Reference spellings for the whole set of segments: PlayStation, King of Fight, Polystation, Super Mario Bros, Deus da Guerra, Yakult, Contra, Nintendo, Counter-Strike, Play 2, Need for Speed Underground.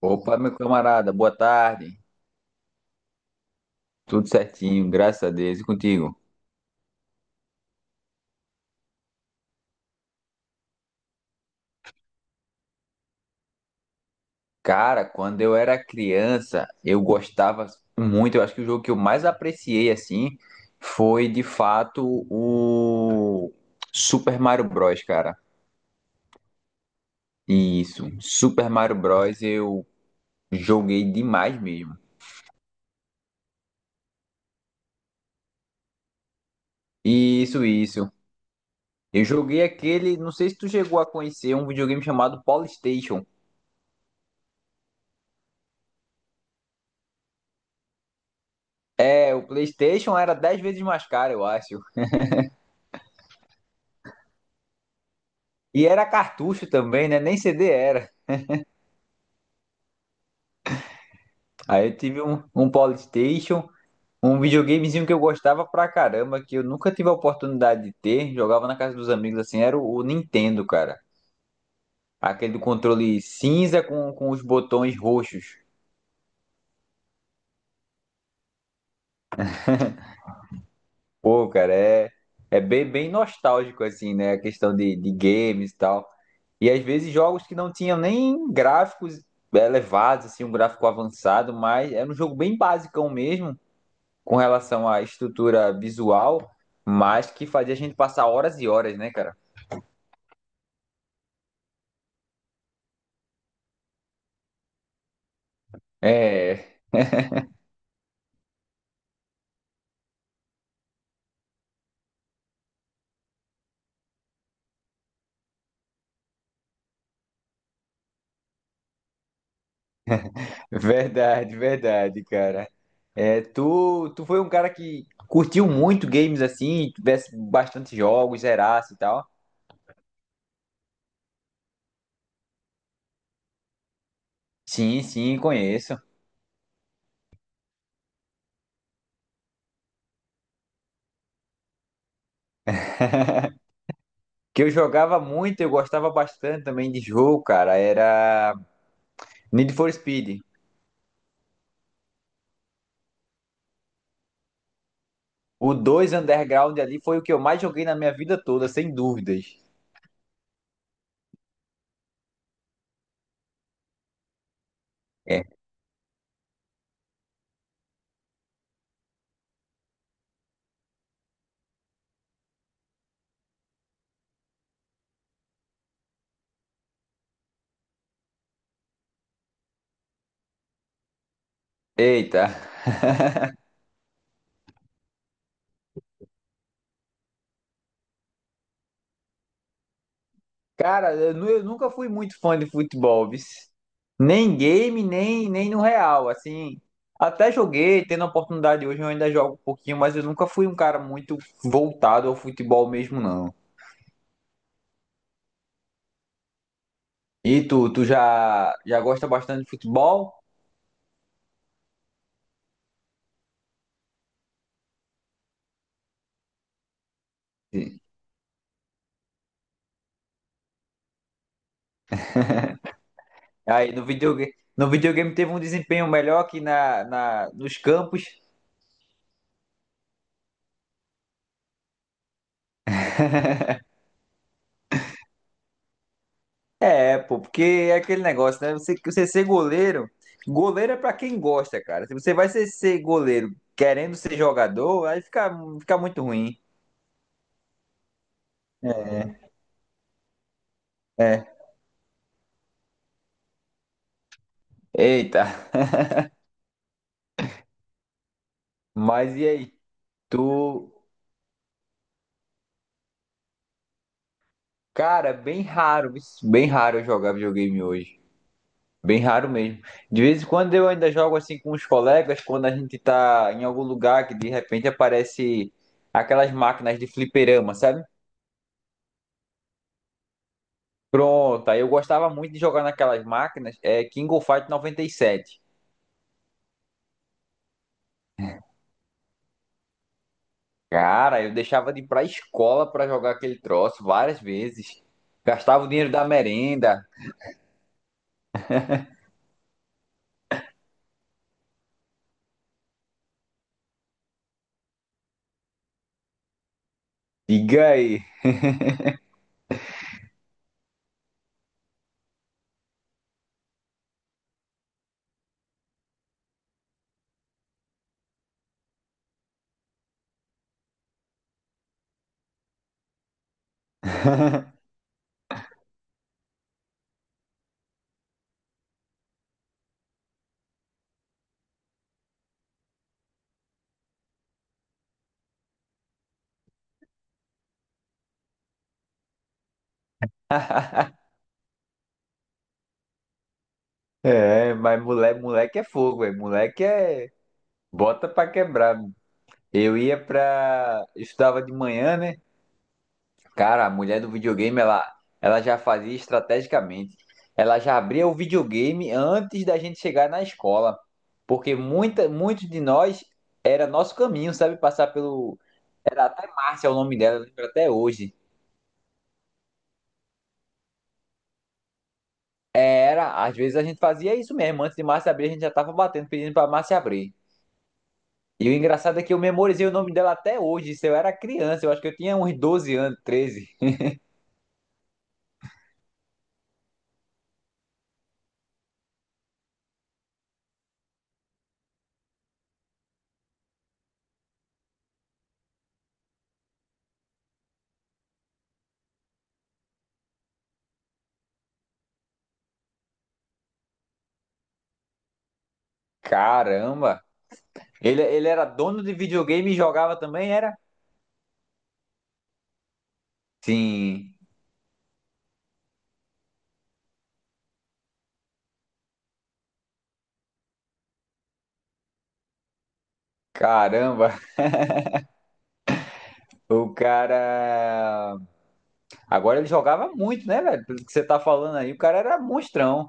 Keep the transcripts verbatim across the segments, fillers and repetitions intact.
Opa, meu camarada, boa tarde. Tudo certinho, graças a Deus. E contigo? Cara, quando eu era criança, eu gostava muito. Eu acho que o jogo que eu mais apreciei, assim, foi de fato o Super Mario Bros, cara. Isso, Super Mario Bros eu joguei demais mesmo. Isso, isso. Eu joguei aquele, não sei se tu chegou a conhecer, um videogame chamado PlayStation. É, o PlayStation era dez vezes mais caro, eu acho. E era cartucho também, né? Nem C D era. Aí eu tive um, um Polystation, um videogamezinho que eu gostava pra caramba, que eu nunca tive a oportunidade de ter. Jogava na casa dos amigos assim, era o, o Nintendo, cara. Aquele do controle cinza com, com os botões roxos. Pô, cara, é, é bem, bem nostálgico, assim, né? A questão de, de games e tal. E às vezes jogos que não tinham nem gráficos elevados, assim, um gráfico avançado, mas era um jogo bem basicão mesmo com relação à estrutura visual, mas que fazia a gente passar horas e horas, né, cara? É, verdade, verdade, cara. É, tu, tu foi um cara que curtiu muito games assim, tivesse bastante jogos, zerasse e tal. Sim, sim, conheço. Que eu jogava muito, eu gostava bastante também de jogo, cara. Era Need for Speed. O dois Underground ali foi o que eu mais joguei na minha vida toda, sem dúvidas. É. Eita. Cara, eu, nu- eu nunca fui muito fã de futebol, vixe. Nem game, nem, nem no real, assim. Até joguei, tendo a oportunidade hoje, eu ainda jogo um pouquinho, mas eu nunca fui um cara muito voltado ao futebol mesmo, não. E tu, tu já, já, gosta bastante de futebol? Sim. Aí no videogame, no videogame teve um desempenho melhor aqui na, na, nos campos. É, pô, porque é aquele negócio, né? Você, você ser goleiro, goleiro é pra quem gosta, cara. Se você vai ser, ser, goleiro querendo ser jogador, aí fica, fica muito ruim. É. Eita, mas e aí? Tu. Cara, bem raro, bem raro eu jogar videogame hoje. Bem raro mesmo. De vez em quando eu ainda jogo assim com os colegas, quando a gente tá em algum lugar que de repente aparece aquelas máquinas de fliperama, sabe? Pronto, aí eu gostava muito de jogar naquelas máquinas, é King of Fight noventa e sete. Cara, eu deixava de ir pra escola pra jogar aquele troço várias vezes. Gastava o dinheiro da merenda. Diga aí. É, mas moleque, moleque é fogo, velho. Moleque é. Bota pra quebrar. Eu ia pra. Eu estudava de manhã, né? Cara, a mulher do videogame, ela, ela já fazia estrategicamente. Ela já abria o videogame antes da gente chegar na escola. Porque muita, muitos de nós era nosso caminho, sabe? Passar pelo. Era até Márcia é o nome dela, eu lembro até hoje. Era, às vezes a gente fazia isso mesmo. Antes de Márcia abrir, a gente já tava batendo, pedindo pra Márcia abrir. E o engraçado é que eu memorizei o nome dela até hoje. Isso eu era criança, eu acho que eu tinha uns doze anos, treze. Caramba! Ele, ele era dono de videogame e jogava também, era? Sim. Caramba, o cara. Agora ele jogava muito, né, velho? Pelo que você tá falando aí, o cara era monstrão.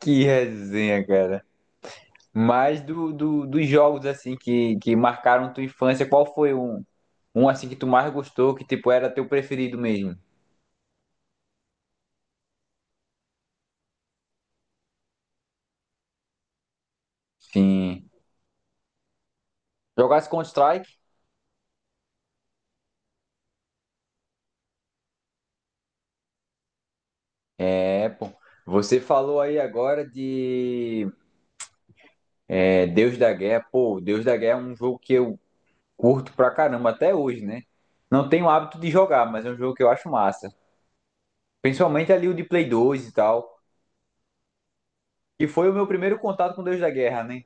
Que resenha, cara. Mas do, do- dos jogos, assim, que, que marcaram tua infância, qual foi um, um, assim, que tu mais gostou, que, tipo, era teu preferido mesmo? Sim. Jogasse Counter-Strike? É, pô. Você falou aí agora de é, Deus da Guerra. Pô, Deus da Guerra é um jogo que eu curto pra caramba até hoje, né? Não tenho hábito de jogar, mas é um jogo que eu acho massa. Principalmente ali o de Play dois e tal. E foi o meu primeiro contato com Deus da Guerra, né?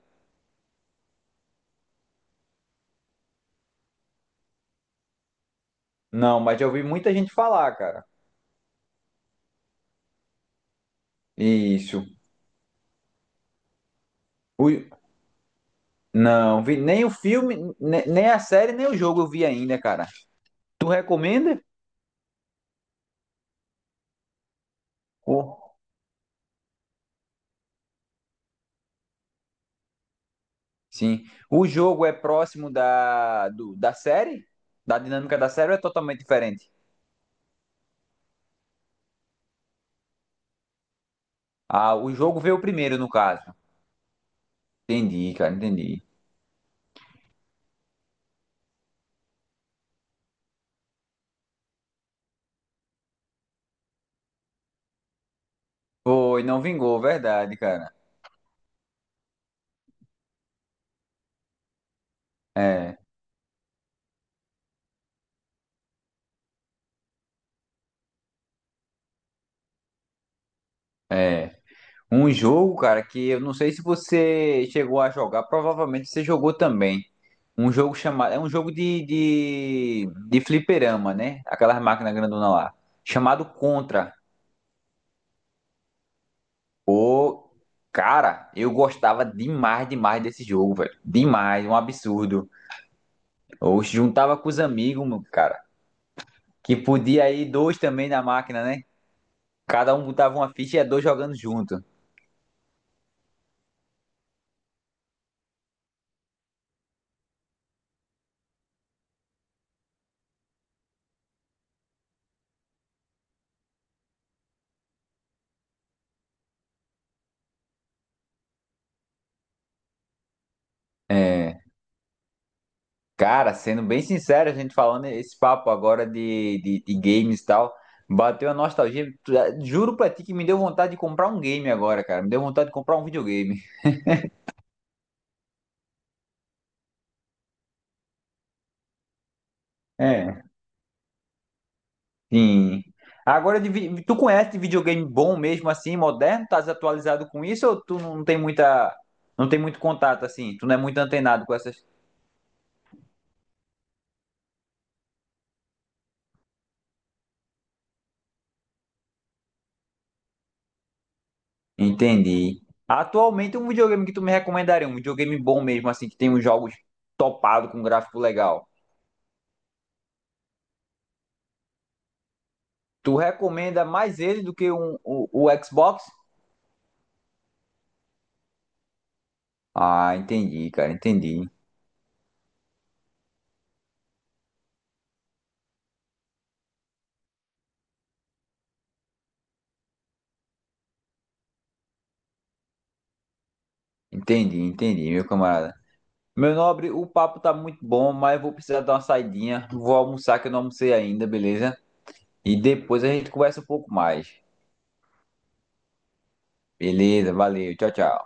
Não, mas já ouvi muita gente falar, cara. Isso. O- Não, vi nem o filme, ne- nem a série, nem o jogo eu vi ainda, cara. Tu recomenda? Oh, Sim. O jogo é próximo da, do- da série? Da dinâmica da série ou é totalmente diferente? Ah, o jogo veio primeiro, no caso. Entendi, cara, entendi. Foi, não vingou, verdade, cara. É, é. Um jogo, cara, que eu não sei se você chegou a jogar, provavelmente você jogou também. Um jogo chamado. É um jogo de, de, de fliperama, né? Aquelas máquinas grandona lá. Chamado Contra. Ô, cara, eu gostava demais, demais desse jogo, velho. Demais, um absurdo. Eu juntava com os amigos, meu, cara. Que podia ir dois também na máquina, né? Cada um botava uma ficha e ia dois jogando junto. É. Cara, sendo bem sincero, a gente falando esse papo agora de, de, de games e tal, bateu a nostalgia. Juro pra ti que me deu vontade de comprar um game agora, cara. Me deu vontade de comprar um videogame. É. Sim. Agora, de vi- tu conhece de videogame bom mesmo assim, moderno? Tá desatualizado com isso ou tu não tem muita, não tem muito contato assim? Tu não é muito antenado com essas? Entendi. Atualmente, um videogame que tu me recomendaria, um videogame bom mesmo assim, que tem uns jogos topado com gráfico legal. Tu recomenda mais ele do que um, o, o Xbox? Ah, entendi, cara, entendi. Entendi, entendi, meu camarada. Meu nobre, o papo tá muito bom, mas eu vou precisar dar uma saidinha. Vou almoçar que eu não almocei ainda, beleza? E depois a gente conversa um pouco mais. Beleza, valeu, tchau, tchau.